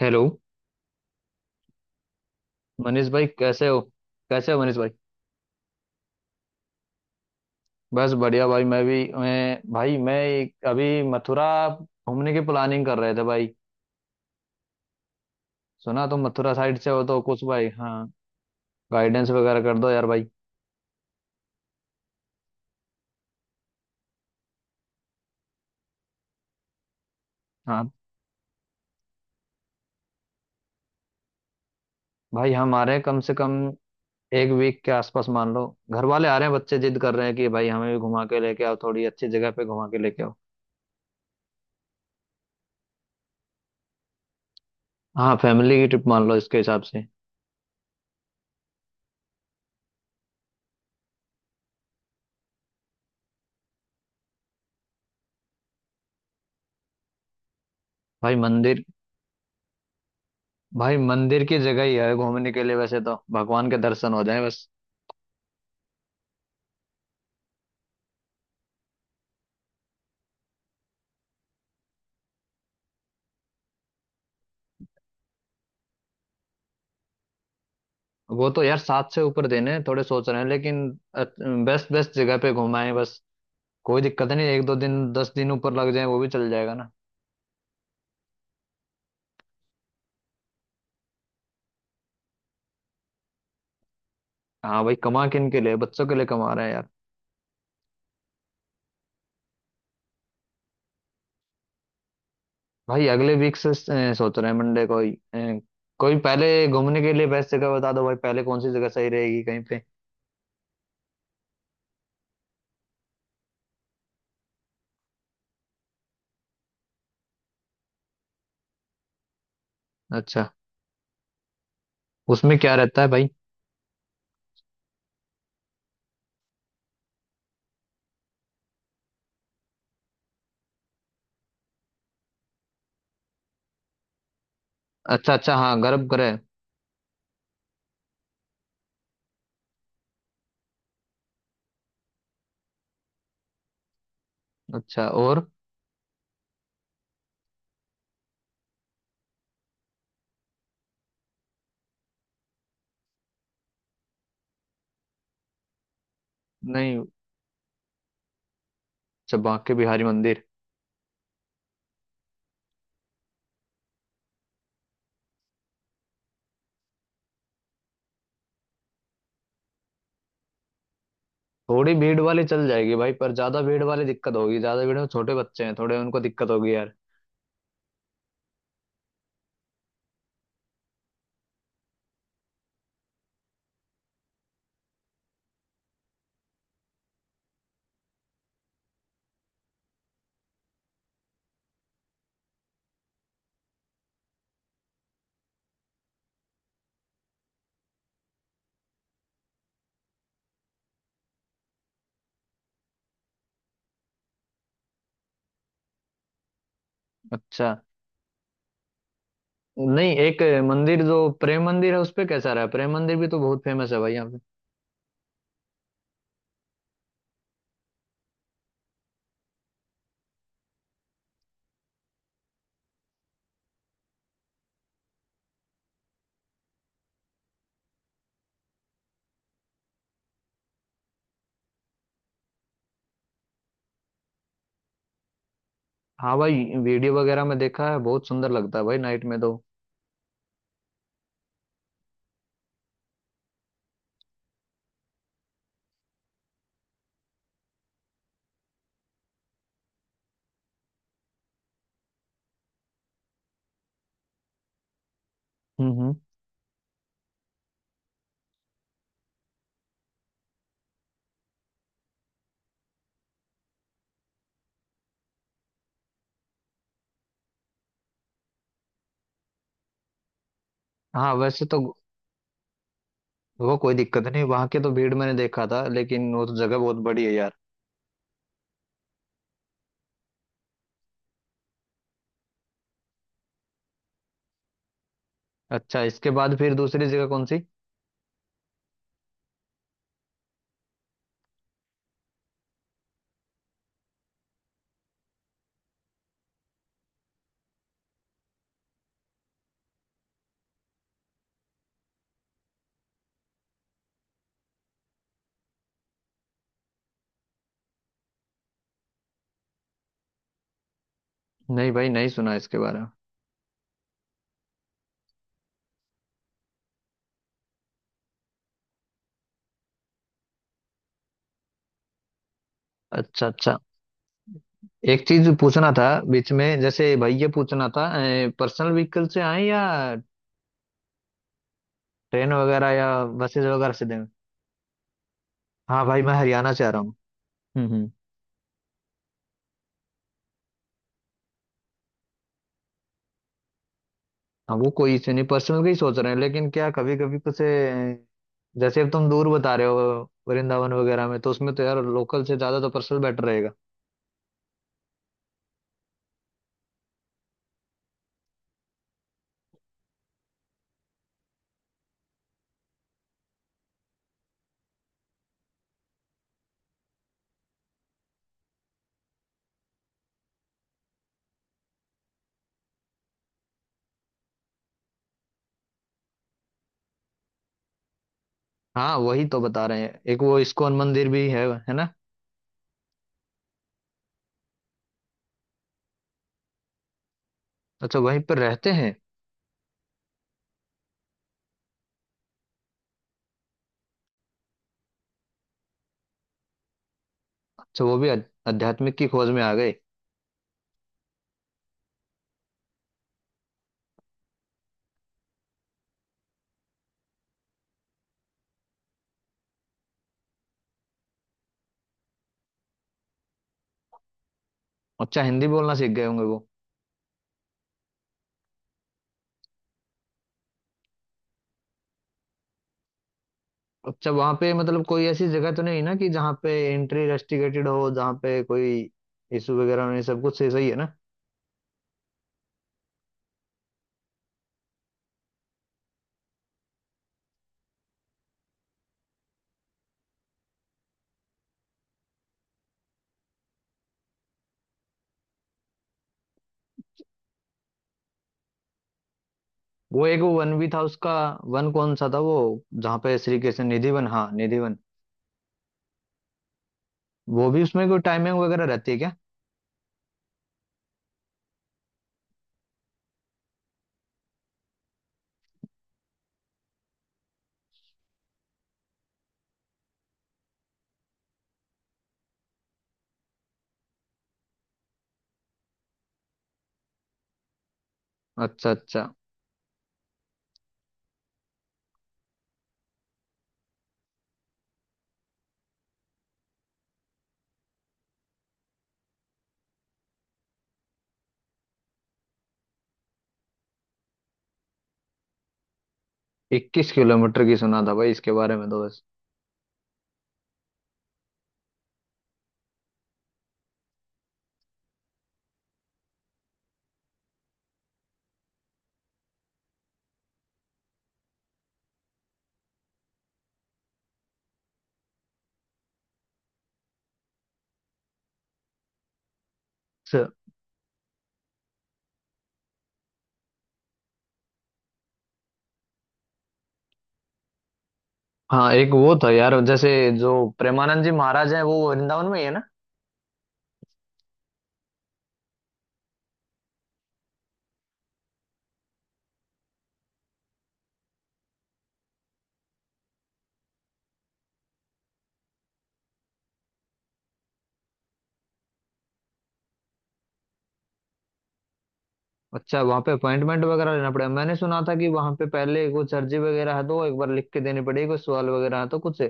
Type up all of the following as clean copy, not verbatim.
Hello. Manish भाई कैसे हो? कैसे हो मनीष भाई? बस बढ़िया भाई। मैं भी मैं भाई मैं एक- अभी मथुरा घूमने की प्लानिंग कर रहे थे भाई। सुना तुम मथुरा साइड से हो तो कुछ भाई, हाँ गाइडेंस वगैरह कर दो यार भाई। हाँ भाई, हमारे कम से कम 1 वीक के आसपास मान लो। घर वाले आ रहे हैं, बच्चे जिद कर रहे हैं कि भाई हमें भी घुमा के लेके आओ, थोड़ी अच्छी जगह पे घुमा के लेके आओ। हाँ, फैमिली की ट्रिप मान लो, इसके हिसाब से। भाई मंदिर, भाई मंदिर की जगह ही है घूमने के लिए। वैसे तो भगवान के दर्शन हो जाए बस। वो तो यार 7 से ऊपर देने हैं, थोड़े सोच रहे हैं लेकिन बेस्ट बेस्ट जगह पे घुमाएं बस। कोई दिक्कत नहीं, एक दो दिन 10 दिन ऊपर लग जाए वो भी चल जाएगा ना। हाँ भाई, कमा किन के लिए, बच्चों के लिए कमा रहे हैं यार। भाई अगले वीक से सोच रहे हैं, मंडे को ही। कोई पहले घूमने के लिए बेस्ट जगह बता दो भाई, पहले कौन सी जगह सही रहेगी कहीं पे। अच्छा, उसमें क्या रहता है भाई? अच्छा अच्छा, हाँ गर्भगृह। अच्छा और? नहीं। अच्छा बांके बिहारी मंदिर। थोड़ी भीड़ वाली चल जाएगी भाई, पर ज्यादा भीड़ वाली दिक्कत होगी, ज्यादा भीड़ में छोटे बच्चे हैं, थोड़े उनको दिक्कत होगी यार। अच्छा। नहीं, एक मंदिर जो प्रेम मंदिर है उस पे कैसा रहा? प्रेम मंदिर भी तो बहुत फेमस है भाई यहाँ पे। हाँ भाई, वीडियो वगैरह में देखा है, बहुत सुंदर लगता है भाई नाइट में तो। हम्म हम्म। हाँ वैसे तो वो कोई दिक्कत नहीं, वहां के तो भीड़ मैंने देखा था लेकिन वो तो जगह बहुत बड़ी है यार। अच्छा इसके बाद फिर दूसरी जगह कौन सी? नहीं भाई, नहीं सुना इसके बारे में। अच्छा अच्छा। एक चीज पूछना था, बीच में जैसे भाई ये पूछना था, पर्सनल व्हीकल से आए या ट्रेन वगैरह या बसेज वगैरह से दें? हाँ भाई मैं हरियाणा से आ रहा हूँ। हम्म। हाँ वो कोई इशू नहीं, पर्सनल का ही सोच रहे हैं लेकिन क्या कभी कभी कुछ जैसे अब तुम दूर बता रहे हो, वृंदावन वगैरह में तो उसमें तो यार लोकल से ज्यादा तो पर्सनल बेटर रहेगा। हाँ वही तो बता रहे हैं, एक वो इस्कॉन मंदिर भी है ना? अच्छा, वहीं पर रहते हैं? अच्छा वो भी आध्यात्मिक की खोज में आ गए। अच्छा, हिंदी बोलना सीख गए होंगे वो। अच्छा वहां पे मतलब कोई ऐसी जगह तो नहीं ना कि जहाँ पे एंट्री रेस्ट्रिक्टेड हो, जहाँ पे कोई इशू वगैरह नहीं, सब कुछ सही सही है ना? वो एक वो वन भी था उसका, वन कौन सा था वो, जहाँ पे श्री कृष्ण, निधिवन, हाँ निधिवन। वो भी उसमें कोई टाइमिंग वगैरह रहती है क्या? अच्छा अच्छा। 21 किलोमीटर की सुना था भाई इसके बारे में तो बस। अच्छा, हाँ एक वो था यार, जैसे जो प्रेमानंद जी महाराज है वो वृंदावन में ही है ना? अच्छा, वहां पे अपॉइंटमेंट वगैरह लेना पड़ेगा? मैंने सुना था कि वहां पे पहले कुछ अर्जी वगैरह है तो वो एक बार लिख के देनी पड़ेगी, कुछ सवाल वगैरह है तो कुछ है।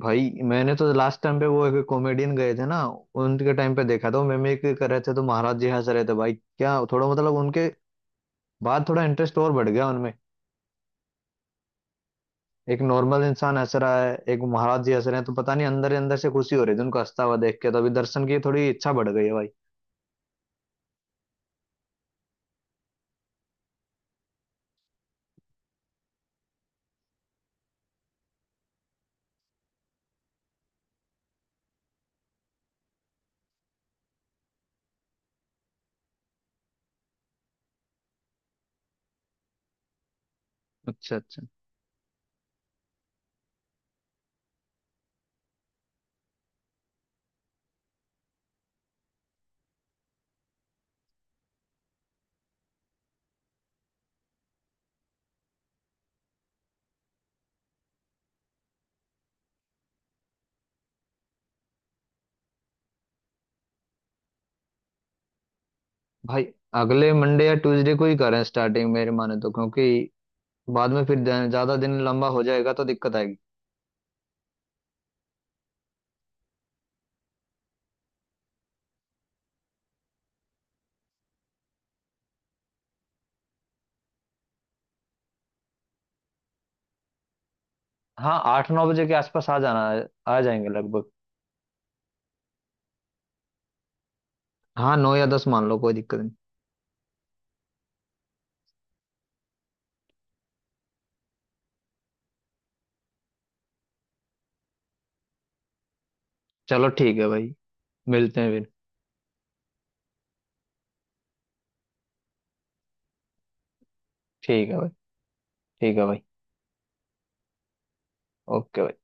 भाई मैंने तो लास्ट टाइम पे वो एक कॉमेडियन गए थे ना, उनके टाइम पे देखा था, वो मिमिक्री कर रहे थे तो महाराज जी हंस रहे थे भाई। क्या थोड़ा मतलब उनके बाद थोड़ा इंटरेस्ट और बढ़ गया उनमें। एक नॉर्मल इंसान हंस रहा है, एक महाराज जी हंस रहे हैं तो पता नहीं अंदर ही अंदर से खुशी हो रही थी उनको हंसता हुआ देख के, तो अभी दर्शन की थोड़ी इच्छा बढ़ गई है भाई। अच्छा अच्छा। भाई अगले मंडे या ट्यूसडे को ही करें स्टार्टिंग, मेरे माने तो, क्योंकि बाद में फिर ज्यादा दिन लंबा हो जाएगा तो दिक्कत आएगी। हाँ 8-9 बजे के आसपास आ जाना, आ जाएंगे लगभग। हाँ 9 या 10 मान लो, कोई दिक्कत नहीं। चलो ठीक है भाई, मिलते हैं फिर। ठीक है भाई। ठीक है भाई। ओके भाई।